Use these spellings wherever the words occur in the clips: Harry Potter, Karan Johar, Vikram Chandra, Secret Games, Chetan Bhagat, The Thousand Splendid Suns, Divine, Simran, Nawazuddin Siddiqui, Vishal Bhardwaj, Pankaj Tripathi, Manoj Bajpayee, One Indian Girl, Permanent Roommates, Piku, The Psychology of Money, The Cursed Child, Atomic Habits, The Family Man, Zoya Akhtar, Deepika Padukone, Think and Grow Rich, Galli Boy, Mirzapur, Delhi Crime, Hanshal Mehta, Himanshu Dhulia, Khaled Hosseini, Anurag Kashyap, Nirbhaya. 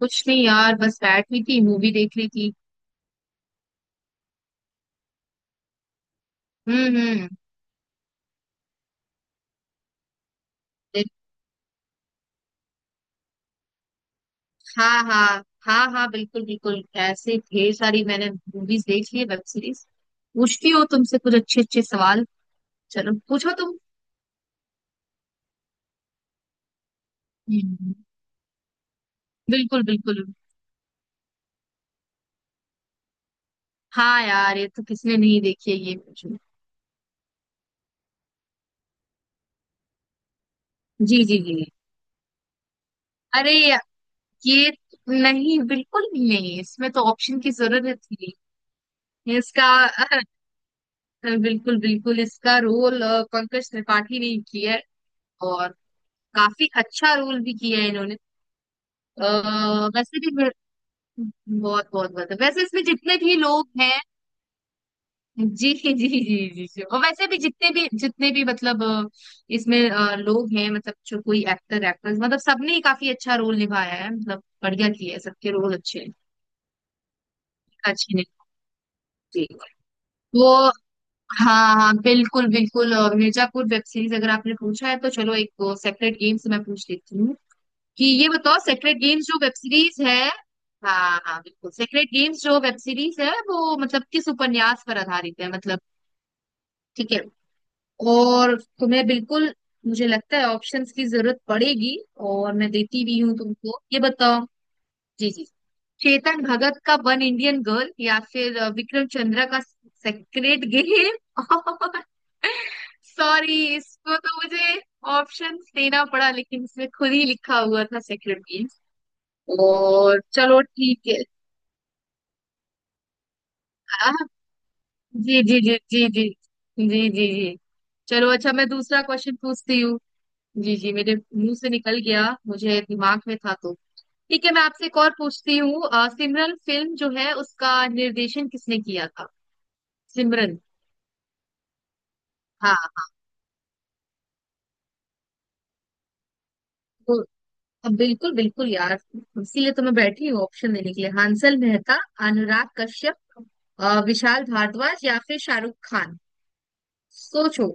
कुछ नहीं यार, बस बैठ हुई थी, मूवी देख रही थी। हम्म। हम्म। देख- हाँ, हाँ। हाँ हाँ, बिल्कुल बिल्कुल, ऐसे ढेर सारी मैंने मूवीज देख ली है, वेब सीरीज पूछती हो तुमसे कुछ अच्छे अच्छे सवाल। चलो पूछो तुम। हम्म। बिल्कुल बिल्कुल। हाँ यार, ये तो किसने नहीं देखी है, ये पूछो। जी जी जी। अरे या- ये, नहीं बिल्कुल भी नहीं, इसमें तो ऑप्शन की जरूरत ही नहीं इसका। बिल्कुल बिल्कुल, इसका रोल पंकज त्रिपाठी ने ही किया है। और काफी अच्छा रोल भी किया है इन्होंने। वैसे भी बहुत बहुत बहुत वैसे इसमें जितने भी लोग हैं। जी जी जी जी जी। और वैसे भी जितने भी मतलब, इसमें लोग हैं, मतलब जो कोई एक्टर एक्ट्रेस, मतलब सबने ही काफी अच्छा रोल निभाया है, मतलब बढ़िया किया है, सबके रोल अच्छे हैं। अच्छे ने। जी। वो। हाँ हाँ बिल्कुल बिल्कुल, मिर्जापुर वेब सीरीज अगर आपने पूछा है, तो चलो एक सेपरेट गेम से मैं पूछ लेती हूँ, कि ये बताओ, सेक्रेट गेम्स जो वेब सीरीज है। हाँ हाँ, बिल्कुल, सेक्रेट गेम्स जो वेब सीरीज है वो मतलब किस उपन्यास पर आधारित है, मतलब ठीक है। और तुम्हें बिल्कुल मुझे लगता है ऑप्शंस की जरूरत पड़ेगी, और मैं देती भी हूँ तुमको, ये बताओ। जी जी। चेतन भगत का वन इंडियन गर्ल, या फिर विक्रम चंद्रा का सेक्रेट गेम। और सॉरी, इसको तो मुझे ऑप्शंस देना पड़ा, लेकिन इसमें खुद ही लिखा हुआ था सेक्रेट। और चलो ठीक है। आ, जी जी जी जी जी। जी जी जी। चलो अच्छा, मैं दूसरा क्वेश्चन पूछती हूँ। जी जी, मेरे मुंह से निकल गया, मुझे दिमाग में था तो। ठीक है, मैं आपसे एक और पूछती हूँ। सिमरन फिल्म जो है उसका निर्देशन किसने किया था? सिमरन। हाँ। तो अब बिल्कुल बिल्कुल यार, इसीलिए तो मैं बैठी हूँ, ऑप्शन देने के लिए। हांसल मेहता, अनुराग कश्यप, विशाल भारद्वाज, या फिर शाहरुख खान। सोचो,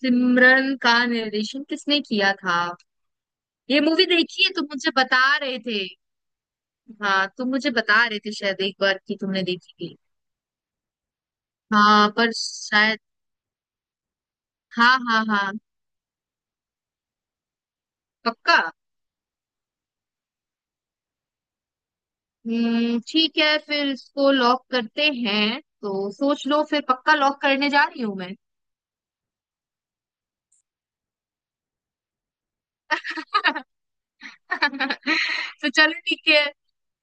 सिमरन का निर्देशन किसने किया था? ये मूवी देखी है, तुम मुझे बता रहे थे। हाँ, तुम मुझे बता रहे थे शायद एक बार, कि तुमने देखी थी। हाँ, पर शायद हाँ हाँ हाँ पक्का। हम्म, ठीक है, फिर इसको लॉक करते हैं, तो सोच लो, फिर पक्का लॉक करने जा रही हूँ मैं। तो चलो ठीक है।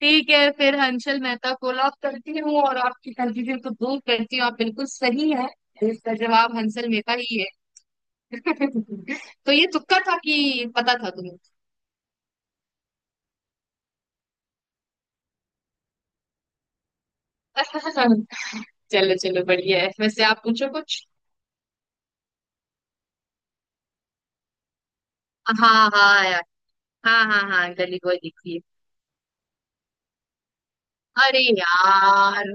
ठीक है, फिर हंसल मेहता को लॉक करती हूँ, और आपकी कंफ्यूजन को दूर करती हूँ, आप बिल्कुल सही है, इसका जवाब हंसल मेहता ही है। तो ये तुक्का था, कि पता था तुम्हें? चलो चलो, बढ़िया है, वैसे आप पूछो कुछ। हाँ हाँ यार। हाँ हाँ हाँ, गली बॉय देखी है। अरे यार,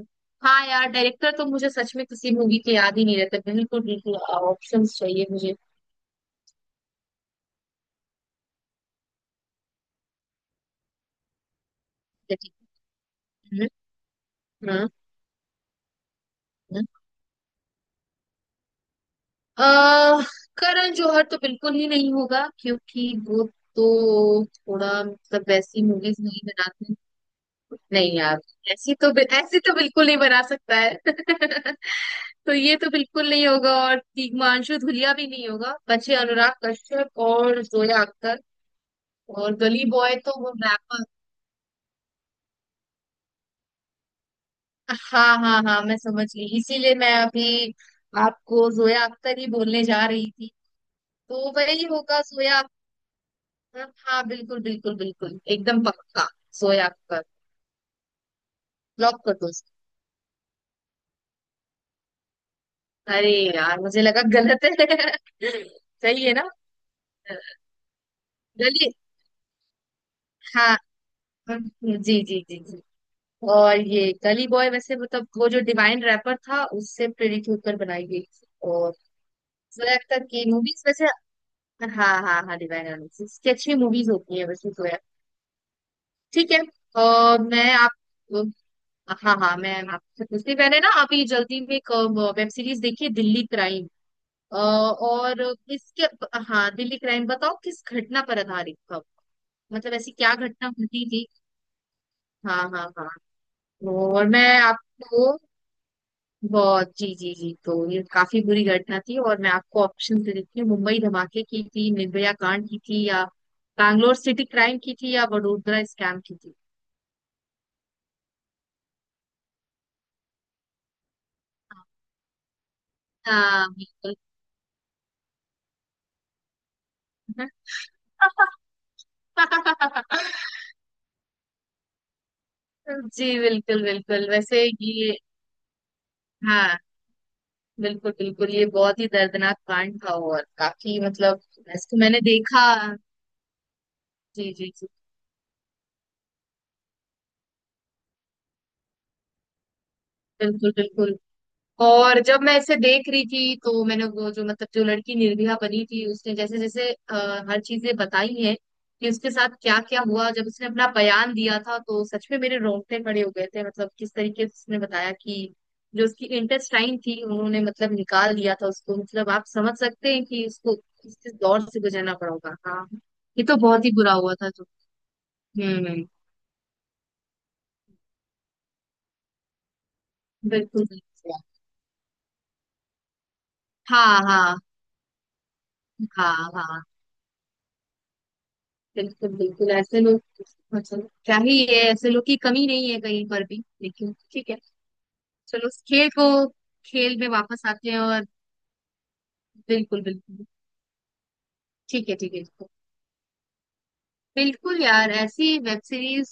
हाँ यार, डायरेक्टर तो मुझे सच में किसी मूवी के याद ही नहीं रहते, बिल्कुल बिल्कुल ऑप्शंस चाहिए मुझे। हम्म। हम्म। हम्म। अह। करण जौहर तो बिल्कुल ही नहीं होगा, क्योंकि वो तो थोड़ा मतलब वैसी मूवीज नहीं बनाते। नहीं यार, ऐसी तो ऐसे तो बिल्कुल नहीं बना सकता है। तो ये तो बिल्कुल नहीं होगा, और हिमांशु धुलिया भी नहीं होगा, बचे अनुराग कश्यप और जोया अख्तर। और गली बॉय तो वो रैपर, हाँ हाँ हाँ, मैं समझ गई, इसीलिए मैं अभी आपको जोया अख्तर ही बोलने जा रही थी। तो वही होगा, जोया अख्तर, हाँ बिल्कुल बिल्कुल बिल्कुल एकदम पक्का, जोया अख्तर। लॉक कर दो इसको। अरे यार, मुझे लगा गलत है, सही है ना? गली, हाँ। हम्म। जी जी जी जी। और ये गली बॉय वैसे मतलब वो जो डिवाइन रैपर था उससे प्रेरित होकर बनाई गई, और जोया अख्तर की मूवीज वैसे हाँ हाँ हाँ डिवाइन एनालिसिस की अच्छी मूवीज होती है वैसे जोया। ठीक है। और मैं आप, हाँ हाँ, मैं आपसे पूछती, मैंने ना अभी जल्दी में एक वेब सीरीज देखी है, दिल्ली क्राइम। और इसके हाँ, दिल्ली क्राइम बताओ किस घटना पर आधारित था, मतलब ऐसी क्या घटना घटी थी? हाँ हाँ हाँ, और मैं आपको बहुत, जी जी जी, तो ये काफी बुरी घटना थी, और मैं आपको ऑप्शन दे देती हूँ। मुंबई धमाके की थी, निर्भया कांड की थी, या बैंगलोर सिटी क्राइम की थी, या वडोदरा स्कैम की थी? हाँ बिल्कुल। जी बिल्कुल बिल्कुल, वैसे ये, हाँ बिल्कुल बिल्कुल, ये बहुत ही दर्दनाक कांड था, और काफी मतलब, वैसे तो मैंने देखा, जी जी जी, बिल्कुल बिल्कुल। और जब मैं इसे देख रही थी, तो मैंने वो जो मतलब जो लड़की निर्भया बनी थी, उसने जैसे जैसे हर चीजें बताई हैं कि उसके साथ क्या क्या हुआ, जब उसने अपना बयान दिया था, तो सच में मेरे रोंगटे खड़े हो गए थे, मतलब किस तरीके से उसने बताया कि जो उसकी इंटेस्टाइन थी, उन्होंने मतलब निकाल दिया था उसको, मतलब आप समझ सकते हैं कि उसको किस किस दौर से गुजरना पड़ा होगा। हाँ, ये तो बहुत ही बुरा हुआ था, तो हम्म, बिल्कुल, हाँ हाँ हाँ हाँ, बिल्कुल बिल्कुल, ऐसे लोग मतलब क्या ही है, ऐसे लोग की कमी नहीं है कहीं पर भी, लेकिन ठीक है। चलो, उस खेल को, खेल में वापस आते हैं, और बिल्कुल बिल्कुल ठीक है ठीक है ठीक है। बिल्कुल यार, ऐसी वेब सीरीज,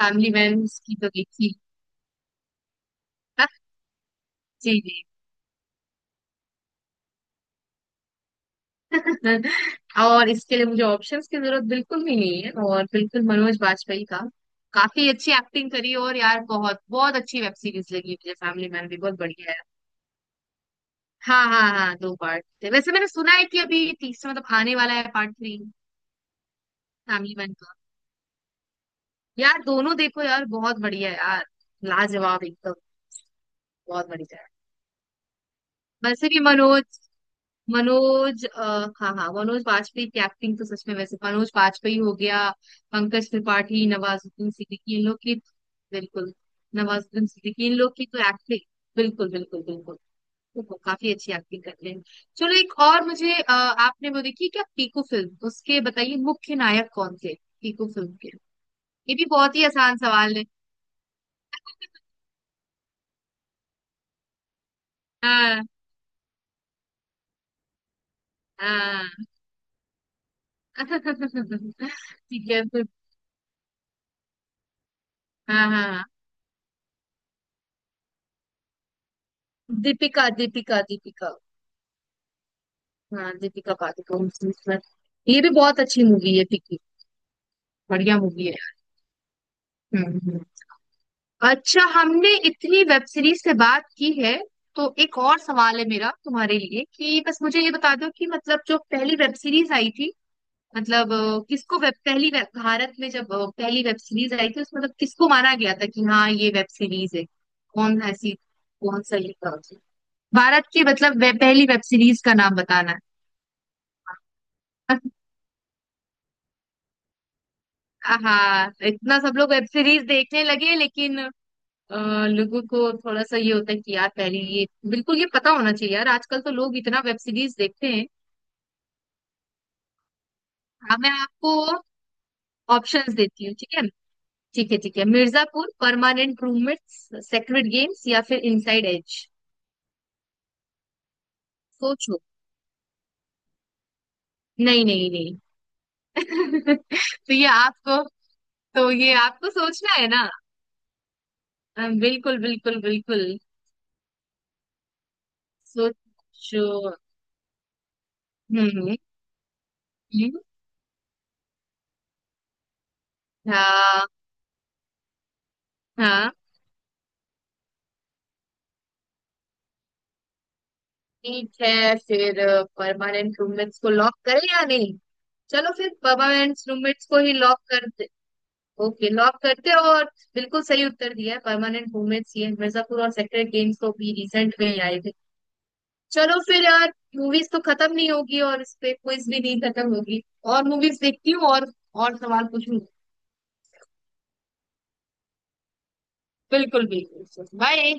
फैमिली मैन की तो देखी। हाँ, जी जी। और इसके लिए मुझे ऑप्शंस की जरूरत बिल्कुल भी नहीं है, और बिल्कुल मनोज बाजपेयी का काफी अच्छी एक्टिंग करी, और यार बहुत बहुत अच्छी वेब सीरीज लगी मुझे, फैमिली मैन भी बहुत बढ़िया है। हाँ हाँ हाँ, दो पार्ट थे, वैसे मैंने सुना है कि अभी तीसरा मतलब आने वाला है, पार्ट थ्री। फैमिली मैन का, यार दोनों देखो यार, बहुत बढ़िया है यार, लाजवाब एकदम, बहुत बढ़िया है। वैसे भी मनोज, मनोज अ, हाँ हाँ, मनोज वाजपेयी की एक्टिंग तो सच में, वैसे मनोज वाजपेयी हो गया, पंकज त्रिपाठी, नवाजुद्दीन सिद्दीकी, इन लोग की, बिल्कुल, नवाजुद्दीन सिद्दीकी इन लोग की तो एक्टिंग, बिल्कुल बिल्कुल बिल्कुल, तो वो काफी अच्छी एक्टिंग कर रहे हैं। चलो एक और, मुझे आपने वो देखी क्या पीकू फिल्म? उसके बताइए, मुख्य नायक कौन थे पीकू फिल्म के? ये भी बहुत ही आसान सवाल है। हाँ हाँ। ठीक है फिर। हाँ हाँ हाँ। दीपिका दीपिका दीपिका, हाँ दीपिका पादुकोण इसमें, ये भी बहुत अच्छी मूवी है पीकू, बढ़िया मूवी है। हम्म हम्म। अच्छा, हमने इतनी वेब सीरीज से बात की है, तो एक और सवाल है मेरा तुम्हारे लिए, कि बस मुझे ये बता दो कि मतलब जो पहली वेब सीरीज आई थी, मतलब किसको वेब, पहली वेब भारत में जब पहली वेब सीरीज आई थी उसमें, मतलब किसको माना गया था कि हाँ, ये वेब सीरीज है, कौन ऐसी, कौन सा ये था? उसे? भारत की, मतलब पहली वेब सीरीज का नाम बताना है। हाँ, इतना सब लोग वेब सीरीज देखने लगे, लेकिन अ, लोगों को थोड़ा सा ये होता है कि यार पहले ये बिल्कुल ये पता होना चाहिए यार, आजकल तो लोग इतना वेब सीरीज देखते हैं। हाँ, मैं आपको ऑप्शंस देती हूँ, ठीक है। ठीक है ठीक है, Mirzapur, permanent roommates, secret games, या फिर इनसाइड एज। सोचो। नहीं नहीं नहीं। तो ये आपको, तो ये आपको सोचना है ना। बिल्कुल बिल्कुल बिल्कुल। सोचो। हम्म। हम्म। हाँ हाँ। ठीक है फिर, परमानेंट रूममेट्स को लॉक करें या नहीं? चलो, फिर परमानेंट रूममेट्स को ही लॉक करते। ओके, लॉक करते हैं, और बिल्कुल सही उत्तर दिया है, परमानेंट रूममेट्स। ये मिर्जापुर और सेक्रेट गेम्स तो भी रिसेंट में ही आए थे। चलो फिर यार, मूवीज तो खत्म नहीं होगी, और इस पे क्विज भी नहीं खत्म होगी, और मूवीज देखती हूँ, और सवाल पूछूंगी। बिल्कुल बिल्कुल, बाय।